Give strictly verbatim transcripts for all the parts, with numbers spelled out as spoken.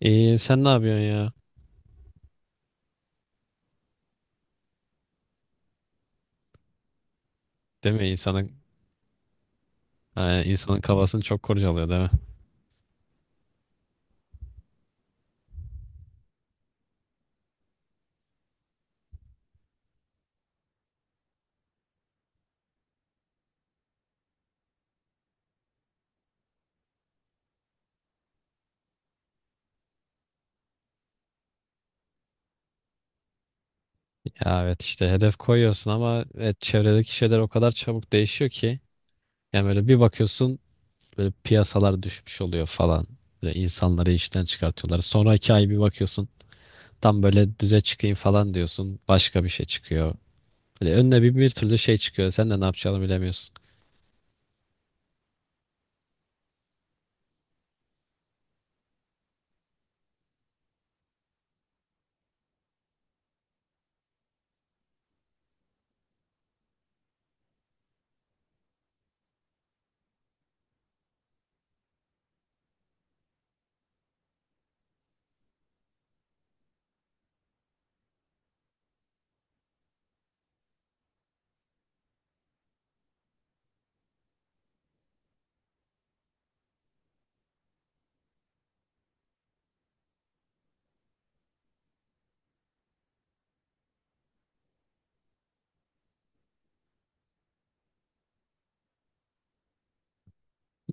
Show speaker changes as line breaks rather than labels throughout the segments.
İyi, sen ne yapıyorsun ya? Değil mi? İnsanın, e, insanın kafasını çok kurcalıyor değil mi? Ya evet işte hedef koyuyorsun ama evet, çevredeki şeyler o kadar çabuk değişiyor ki. Yani böyle bir bakıyorsun, böyle piyasalar düşmüş oluyor falan. Böyle insanları işten çıkartıyorlar. Sonraki ay bir bakıyorsun, tam böyle düze çıkayım falan diyorsun. Başka bir şey çıkıyor. Böyle önüne bir, bir türlü şey çıkıyor. Sen de ne yapacağını bilemiyorsun.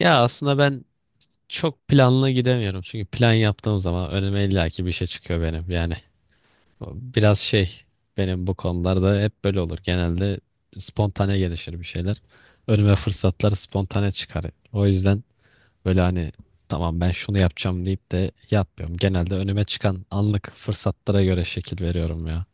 Ya aslında ben çok planlı gidemiyorum. Çünkü plan yaptığım zaman önüme illaki bir şey çıkıyor benim yani. Biraz şey, benim bu konularda hep böyle olur. Genelde spontane gelişir bir şeyler. Önüme fırsatlar spontane çıkar. O yüzden böyle hani, tamam ben şunu yapacağım deyip de yapmıyorum. Genelde önüme çıkan anlık fırsatlara göre şekil veriyorum ya.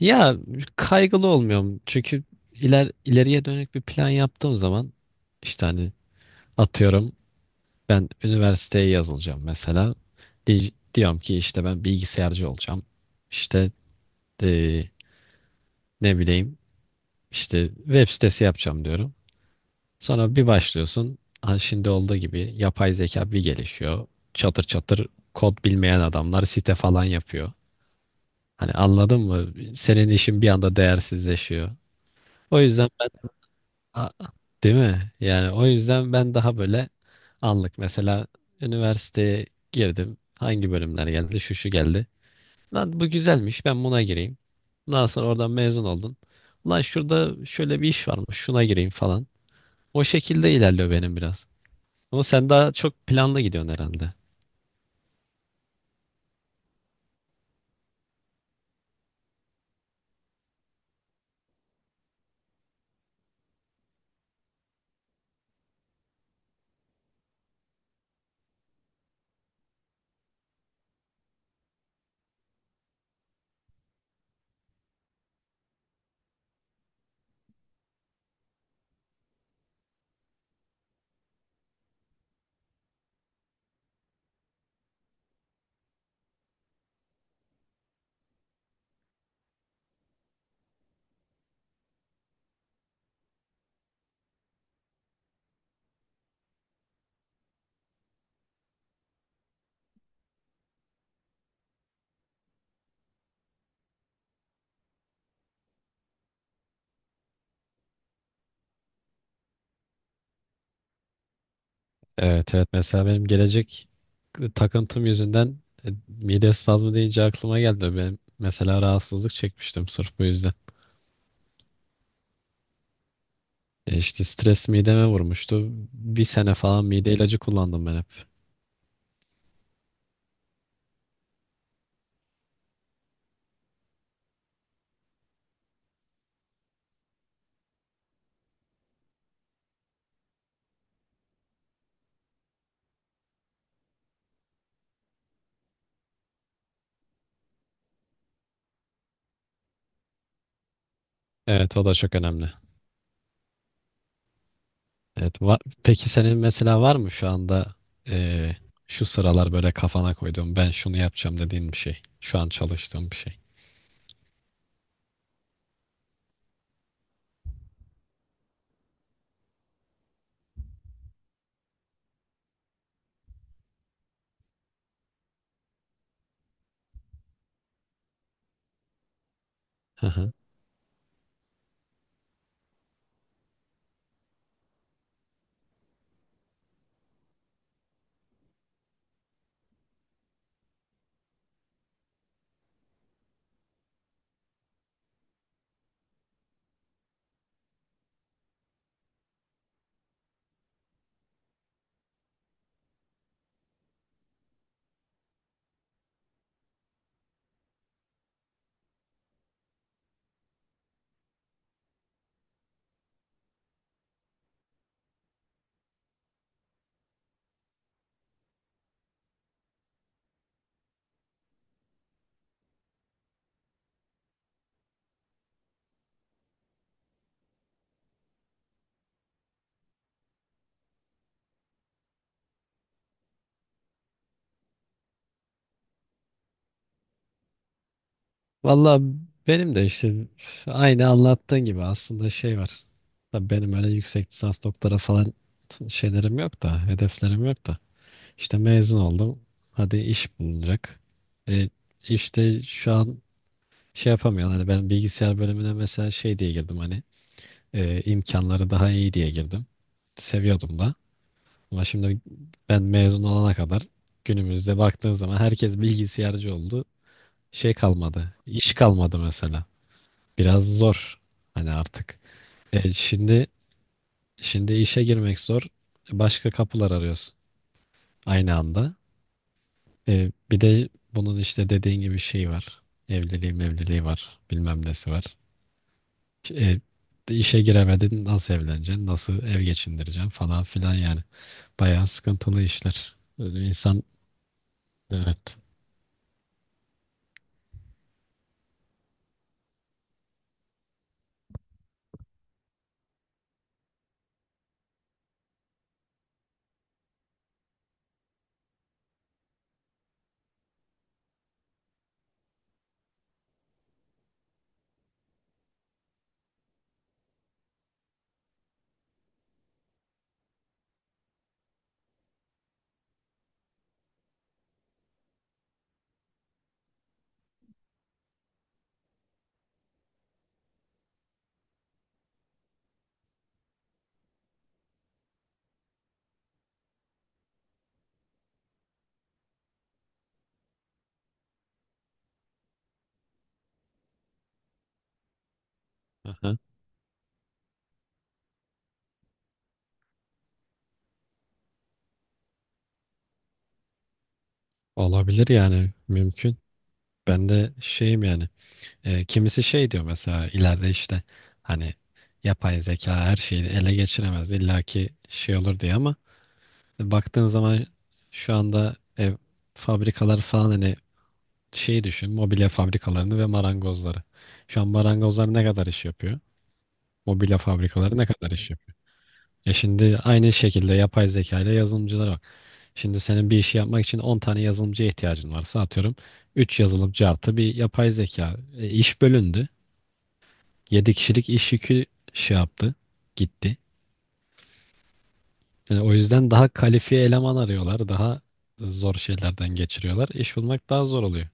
Ya kaygılı olmuyorum. Çünkü iler, ileriye dönük bir plan yaptığım zaman işte hani, atıyorum, ben üniversiteye yazılacağım mesela. Diy- diyorum ki işte ben bilgisayarcı olacağım. İşte e, ne bileyim, işte web sitesi yapacağım diyorum. Sonra bir başlıyorsun. Hani şimdi olduğu gibi yapay zeka bir gelişiyor. Çatır çatır kod bilmeyen adamlar site falan yapıyor. Hani anladın mı? Senin işin bir anda değersizleşiyor. O yüzden ben A- değil mi? Yani o yüzden ben daha böyle anlık, mesela üniversiteye girdim. Hangi bölümler geldi? Şu şu geldi. Lan bu güzelmiş, ben buna gireyim. Daha sonra oradan mezun oldun. Lan şurada şöyle bir iş varmış, şuna gireyim falan. O şekilde ilerliyor benim biraz. Ama sen daha çok planlı gidiyorsun herhalde. Evet, evet, mesela benim gelecek takıntım yüzünden, e, mide spazmı deyince aklıma geldi. Ben mesela rahatsızlık çekmiştim sırf bu yüzden. E işte stres mideme vurmuştu. Bir sene falan mide ilacı kullandım ben hep. Evet, o da çok önemli. Evet. va- Peki senin mesela var mı şu anda, eee, şu sıralar böyle kafana koyduğum ben şunu yapacağım dediğin bir şey? Şu an çalıştığım bir şey. Hı hı. Valla benim de işte aynı anlattığın gibi aslında şey var. Tabii benim öyle yüksek lisans doktora falan şeylerim yok da, hedeflerim yok da. İşte mezun oldum. Hadi iş bulunacak. E, işte şu an şey yapamıyorum. Hani ben bilgisayar bölümüne mesela şey diye girdim hani. E, imkanları daha iyi diye girdim. Seviyordum da. Ama şimdi ben mezun olana kadar günümüzde baktığın zaman herkes bilgisayarcı oldu. Şey kalmadı. İş kalmadı mesela. Biraz zor. Hani artık. E, şimdi şimdi işe girmek zor. Başka kapılar arıyorsun aynı anda. E, bir de bunun işte dediğin gibi şey var. Evliliği mevliliği var. Bilmem nesi var. E, işe giremedin, nasıl evleneceksin? Nasıl ev geçindireceksin falan filan yani. Bayağı sıkıntılı işler. Böyle insan evet. Aha. Olabilir yani, mümkün. Ben de şeyim yani. E, kimisi şey diyor mesela, ileride işte hani yapay zeka her şeyi ele geçiremez. Illaki şey olur diye ama baktığın zaman şu anda ev, fabrikalar falan, hani şey düşün, mobilya fabrikalarını ve marangozları. Şu an marangozlar ne kadar iş yapıyor? Mobilya fabrikaları ne kadar iş yapıyor? E şimdi aynı şekilde yapay zeka ile yazılımcılar var. Şimdi senin bir işi yapmak için on tane yazılımcıya ihtiyacın varsa, atıyorum, üç yazılımcı artı bir yapay zeka. E, iş bölündü. Yedi kişilik iş yükü şey yaptı. Gitti. Yani o yüzden daha kalifiye eleman arıyorlar. Daha zor şeylerden geçiriyorlar. İş bulmak daha zor oluyor.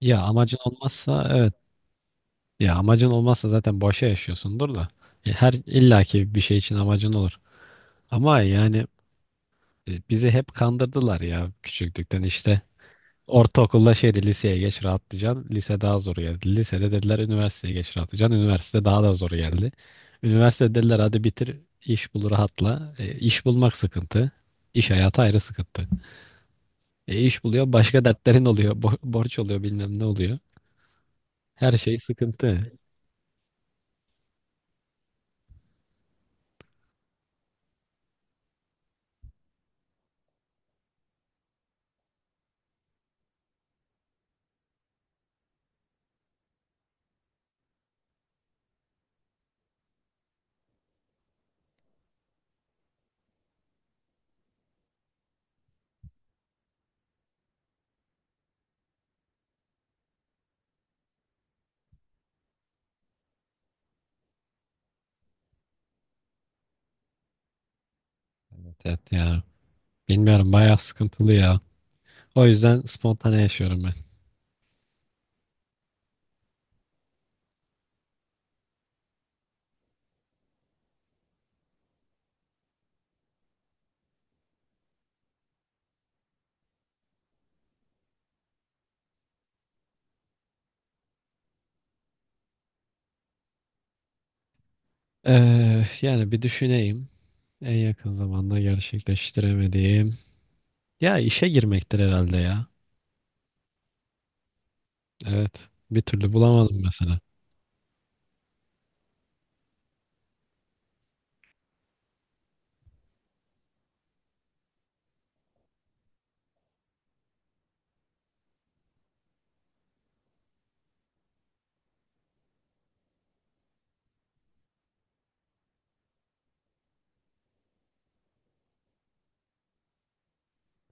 Ya amacın olmazsa evet. Ya amacın olmazsa zaten boşa yaşıyorsundur da. E, her illaki bir şey için amacın olur. Ama yani, e, bizi hep kandırdılar ya, küçüklükten işte, ortaokulda şeydi, liseye geç rahatlayacaksın. Lise daha zor geldi. Lisede dediler üniversiteye geç rahatlayacaksın. Üniversite daha da zor geldi. Üniversitede dediler hadi bitir, iş bul, rahatla. E, iş bulmak sıkıntı. İş hayatı ayrı sıkıntı. E, iş buluyor, başka dertlerin oluyor. Bo- borç oluyor, bilmem ne oluyor. Her şey sıkıntı. Evet, evet ya. Bilmiyorum, bayağı sıkıntılı ya. O yüzden spontane yaşıyorum ben. Ee, yani bir düşüneyim. En yakın zamanda gerçekleştiremediğim. Ya işe girmektir herhalde ya. Evet. Bir türlü bulamadım mesela.